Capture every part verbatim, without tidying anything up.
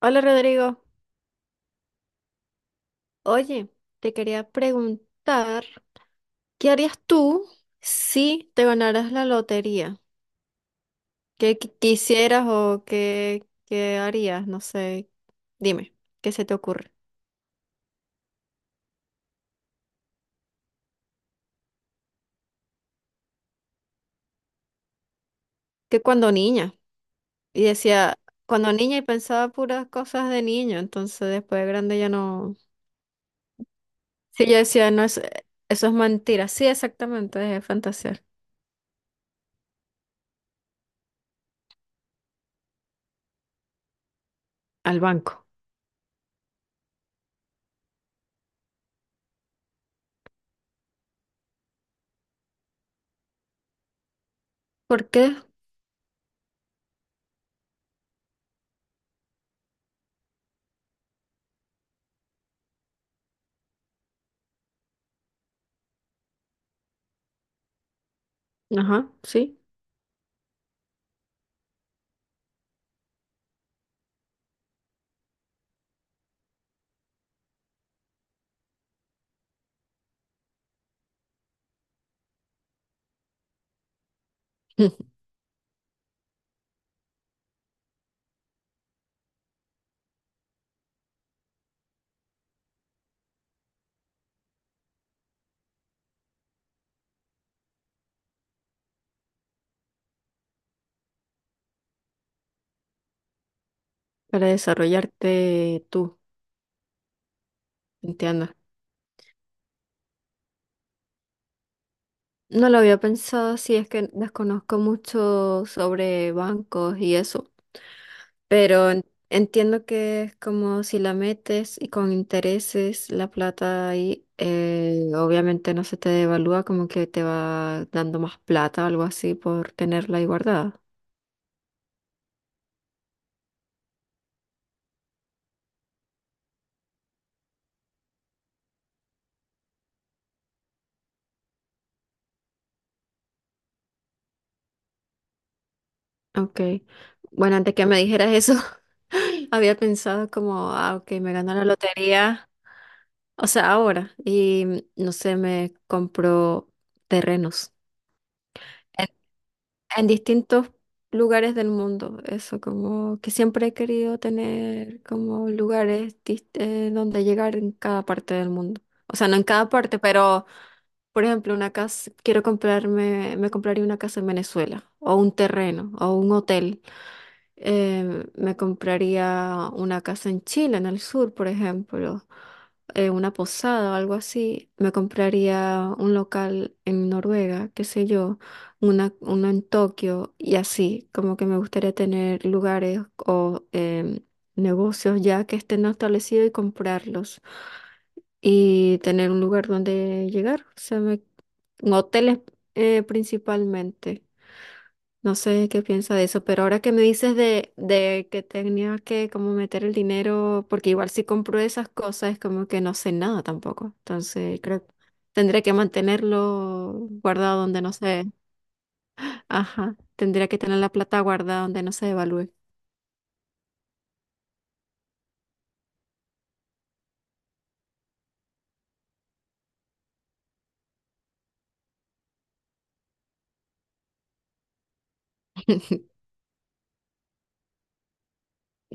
Hola Rodrigo, oye, te quería preguntar, ¿qué harías tú si te ganaras la lotería? ¿Qué qui- quisieras o qué, qué harías? No sé, dime, ¿qué se te ocurre? Que cuando niña, y decía, cuando niña y pensaba puras cosas de niño, entonces después de grande ya no... Sí, yo decía, no, es- Eso es mentira, sí, exactamente, es fantasear. Al banco. ¿Por qué? Ajá, sí, para desarrollarte tú, entiendo. No lo había pensado, sí, es que desconozco mucho sobre bancos y eso, pero en- entiendo que es como si la metes y con intereses la plata ahí, eh, obviamente no se te devalúa, como que te va dando más plata o algo así por tenerla ahí guardada. Ok, bueno, antes que me dijeras eso, había pensado como, ah, ok, me ganó la lotería, o sea, ahora, y no sé, me compro terrenos. En distintos lugares del mundo. Eso, como que siempre he querido tener como lugares dis- eh, donde llegar en cada parte del mundo. O sea, no en cada parte, pero por ejemplo, una casa, quiero comprarme, me compraría una casa en Venezuela, o un terreno, o un hotel, eh, me compraría una casa en Chile, en el sur, por ejemplo, eh, una posada o algo así. Me compraría un local en Noruega, qué sé yo, una, uno en Tokio y así, como que me gustaría tener lugares o em, negocios ya que estén establecidos y comprarlos y tener un lugar donde llegar, o sea, me- hoteles, eh, principalmente. No sé qué piensa de eso, pero ahora que me dices de, de que tenía que como meter el dinero, porque igual si compro esas cosas es como que no sé nada tampoco. Entonces creo que tendría que mantenerlo guardado donde no sé. Ajá, tendría que tener la plata guardada donde no se devalúe.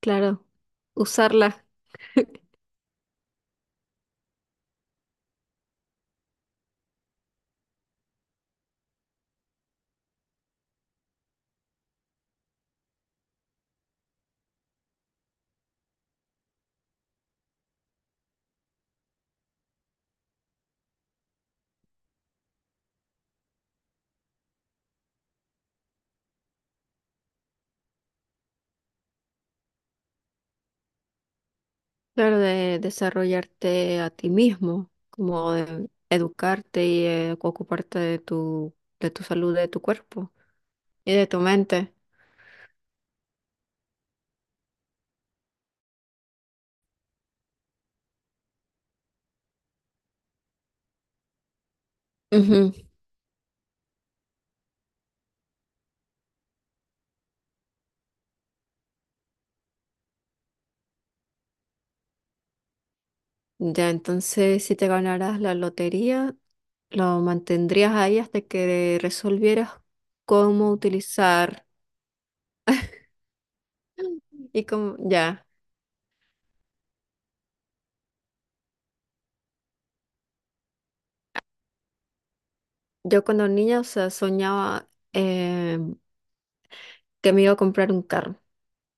Claro, usarla, claro, de desarrollarte a ti mismo, como de educarte y eh, ocuparte de tu, de tu salud, de tu cuerpo y de tu mente. Ujú. Ya, entonces si te ganaras la lotería, lo mantendrías ahí hasta que resolvieras cómo utilizar. Y como, ya, yo cuando niña, o sea, soñaba eh, que me iba a comprar un carro.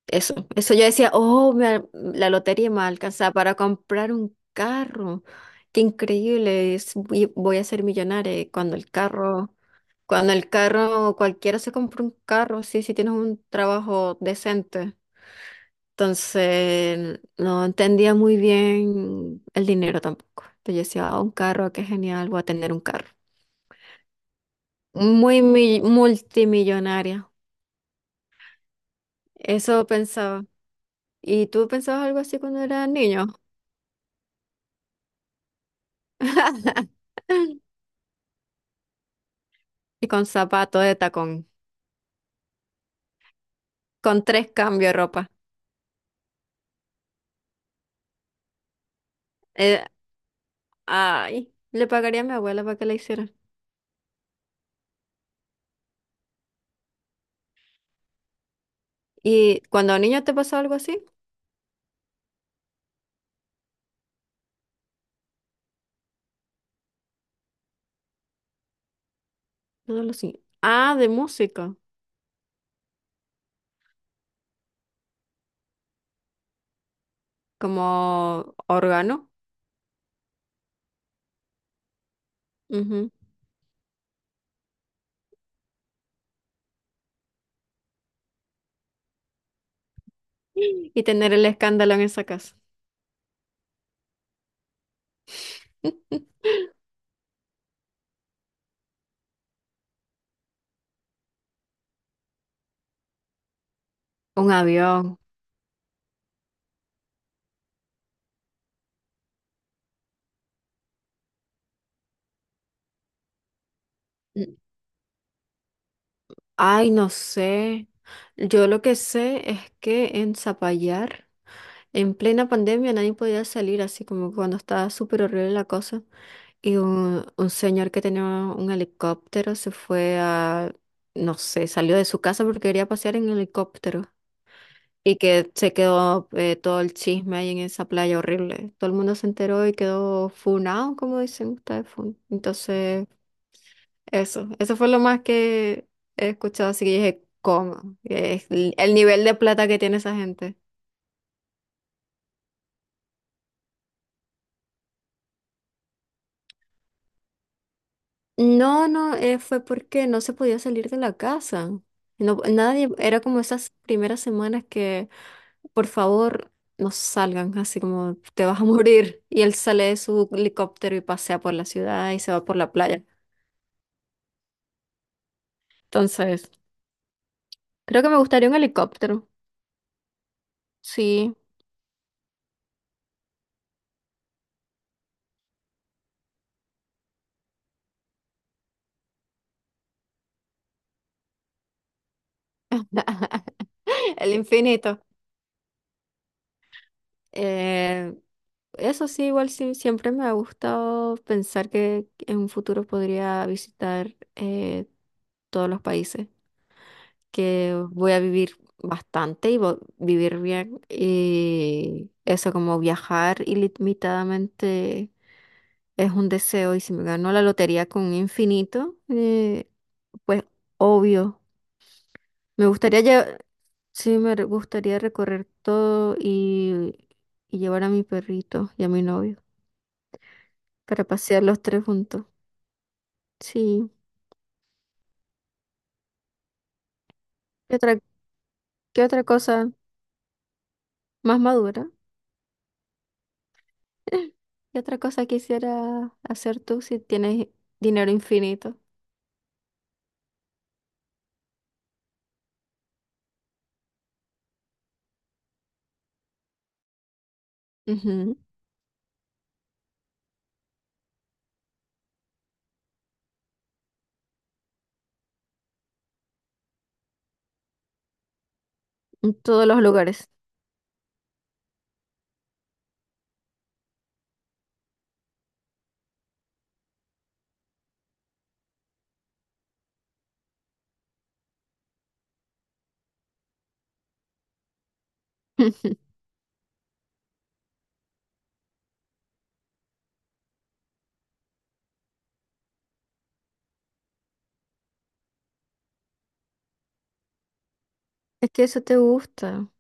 Eso, eso yo decía, oh, me al- la lotería me alcanza para comprar un carro. Qué increíble, es- voy, voy a ser millonaria. Y cuando el carro, cuando el carro, cualquiera se compra un carro, sí, si tienes un trabajo decente. Entonces, no entendía muy bien el dinero tampoco. Entonces yo decía, ah, un carro, qué genial, voy a tener un carro. Muy mi- multimillonaria. Eso pensaba. ¿Y tú pensabas algo así cuando eras niño? Y con zapato de tacón, con tres cambios de ropa. Eh, ay, le pagaría a mi abuela para que la hiciera. ¿Y cuando niño te pasó algo así? No lo sé. Ah, de música, como órgano. Y tener el escándalo en esa casa. Un avión. Mm, ay, no sé. Yo lo que sé es que en Zapallar, en plena pandemia, nadie podía salir, así como cuando estaba súper horrible la cosa. Y un, un señor que tenía un helicóptero se fue a, no sé, salió de su casa porque quería pasear en helicóptero. Y que se quedó eh, todo el chisme ahí en esa playa horrible. Todo el mundo se enteró y quedó funado, como dicen ustedes, fun. Entonces Eso, eso fue lo más que he escuchado, así que yo dije, ¿cómo? Es l- el nivel de plata que tiene esa gente. No, no, eh, fue porque no se podía salir de la casa. No, nadie, era como esas primeras semanas que, por favor, no salgan, así como te vas a morir. Y él sale de su helicóptero y pasea por la ciudad y se va por la playa. Entonces, creo que me gustaría un helicóptero. Sí, el infinito. Eh, Eso sí, igual sí, siempre me ha gustado pensar que en un futuro podría visitar eh, todos los países, que voy a vivir bastante y vo- vivir bien. Y eso como viajar ilimitadamente es un deseo y si me gano la lotería con infinito, eh, pues obvio. Me gustaría, lle- sí, me re- gustaría recorrer todo y, y llevar a mi perrito y a mi novio para pasear los tres juntos. Sí. ¿Qué otra, qué otra cosa más madura? ¿Qué otra cosa quisiera hacer tú si tienes dinero infinito? Ujú, en todos los lugares. Es que eso te gusta.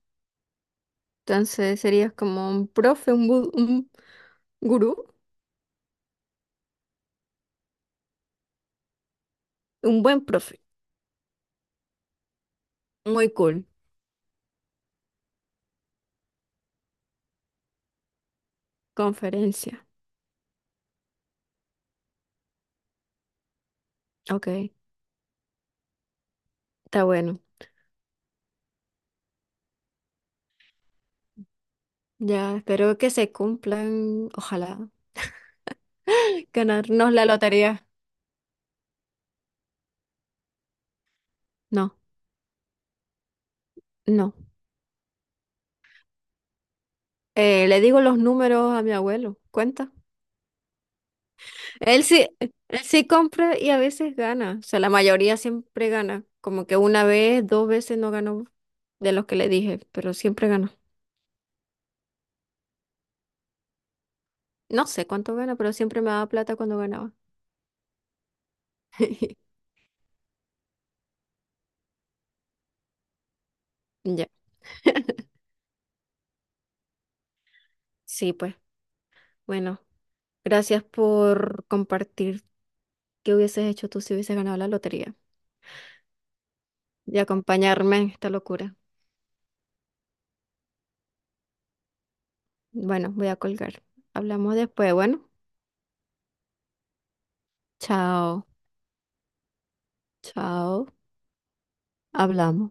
Entonces serías como un profe, un, bu- un gurú, un buen profe. Muy cool. Conferencia. Ok, está bueno. Ya, espero que se cumplan. Ojalá. Ganarnos la lotería. No, no. Eh, le digo los números a mi abuelo. Cuenta. Él sí, él sí compra y a veces gana. O sea, la mayoría siempre gana. Como que una vez, dos veces no ganó de los que le dije, pero siempre ganó. No sé cuánto gana, pero siempre me daba plata cuando ganaba. Ya. Sí, pues, bueno, gracias por compartir qué hubieses hecho tú si hubieses ganado la lotería y acompañarme en esta locura. Bueno, voy a colgar. Hablamos después. Bueno, chao, chao. Hablamos.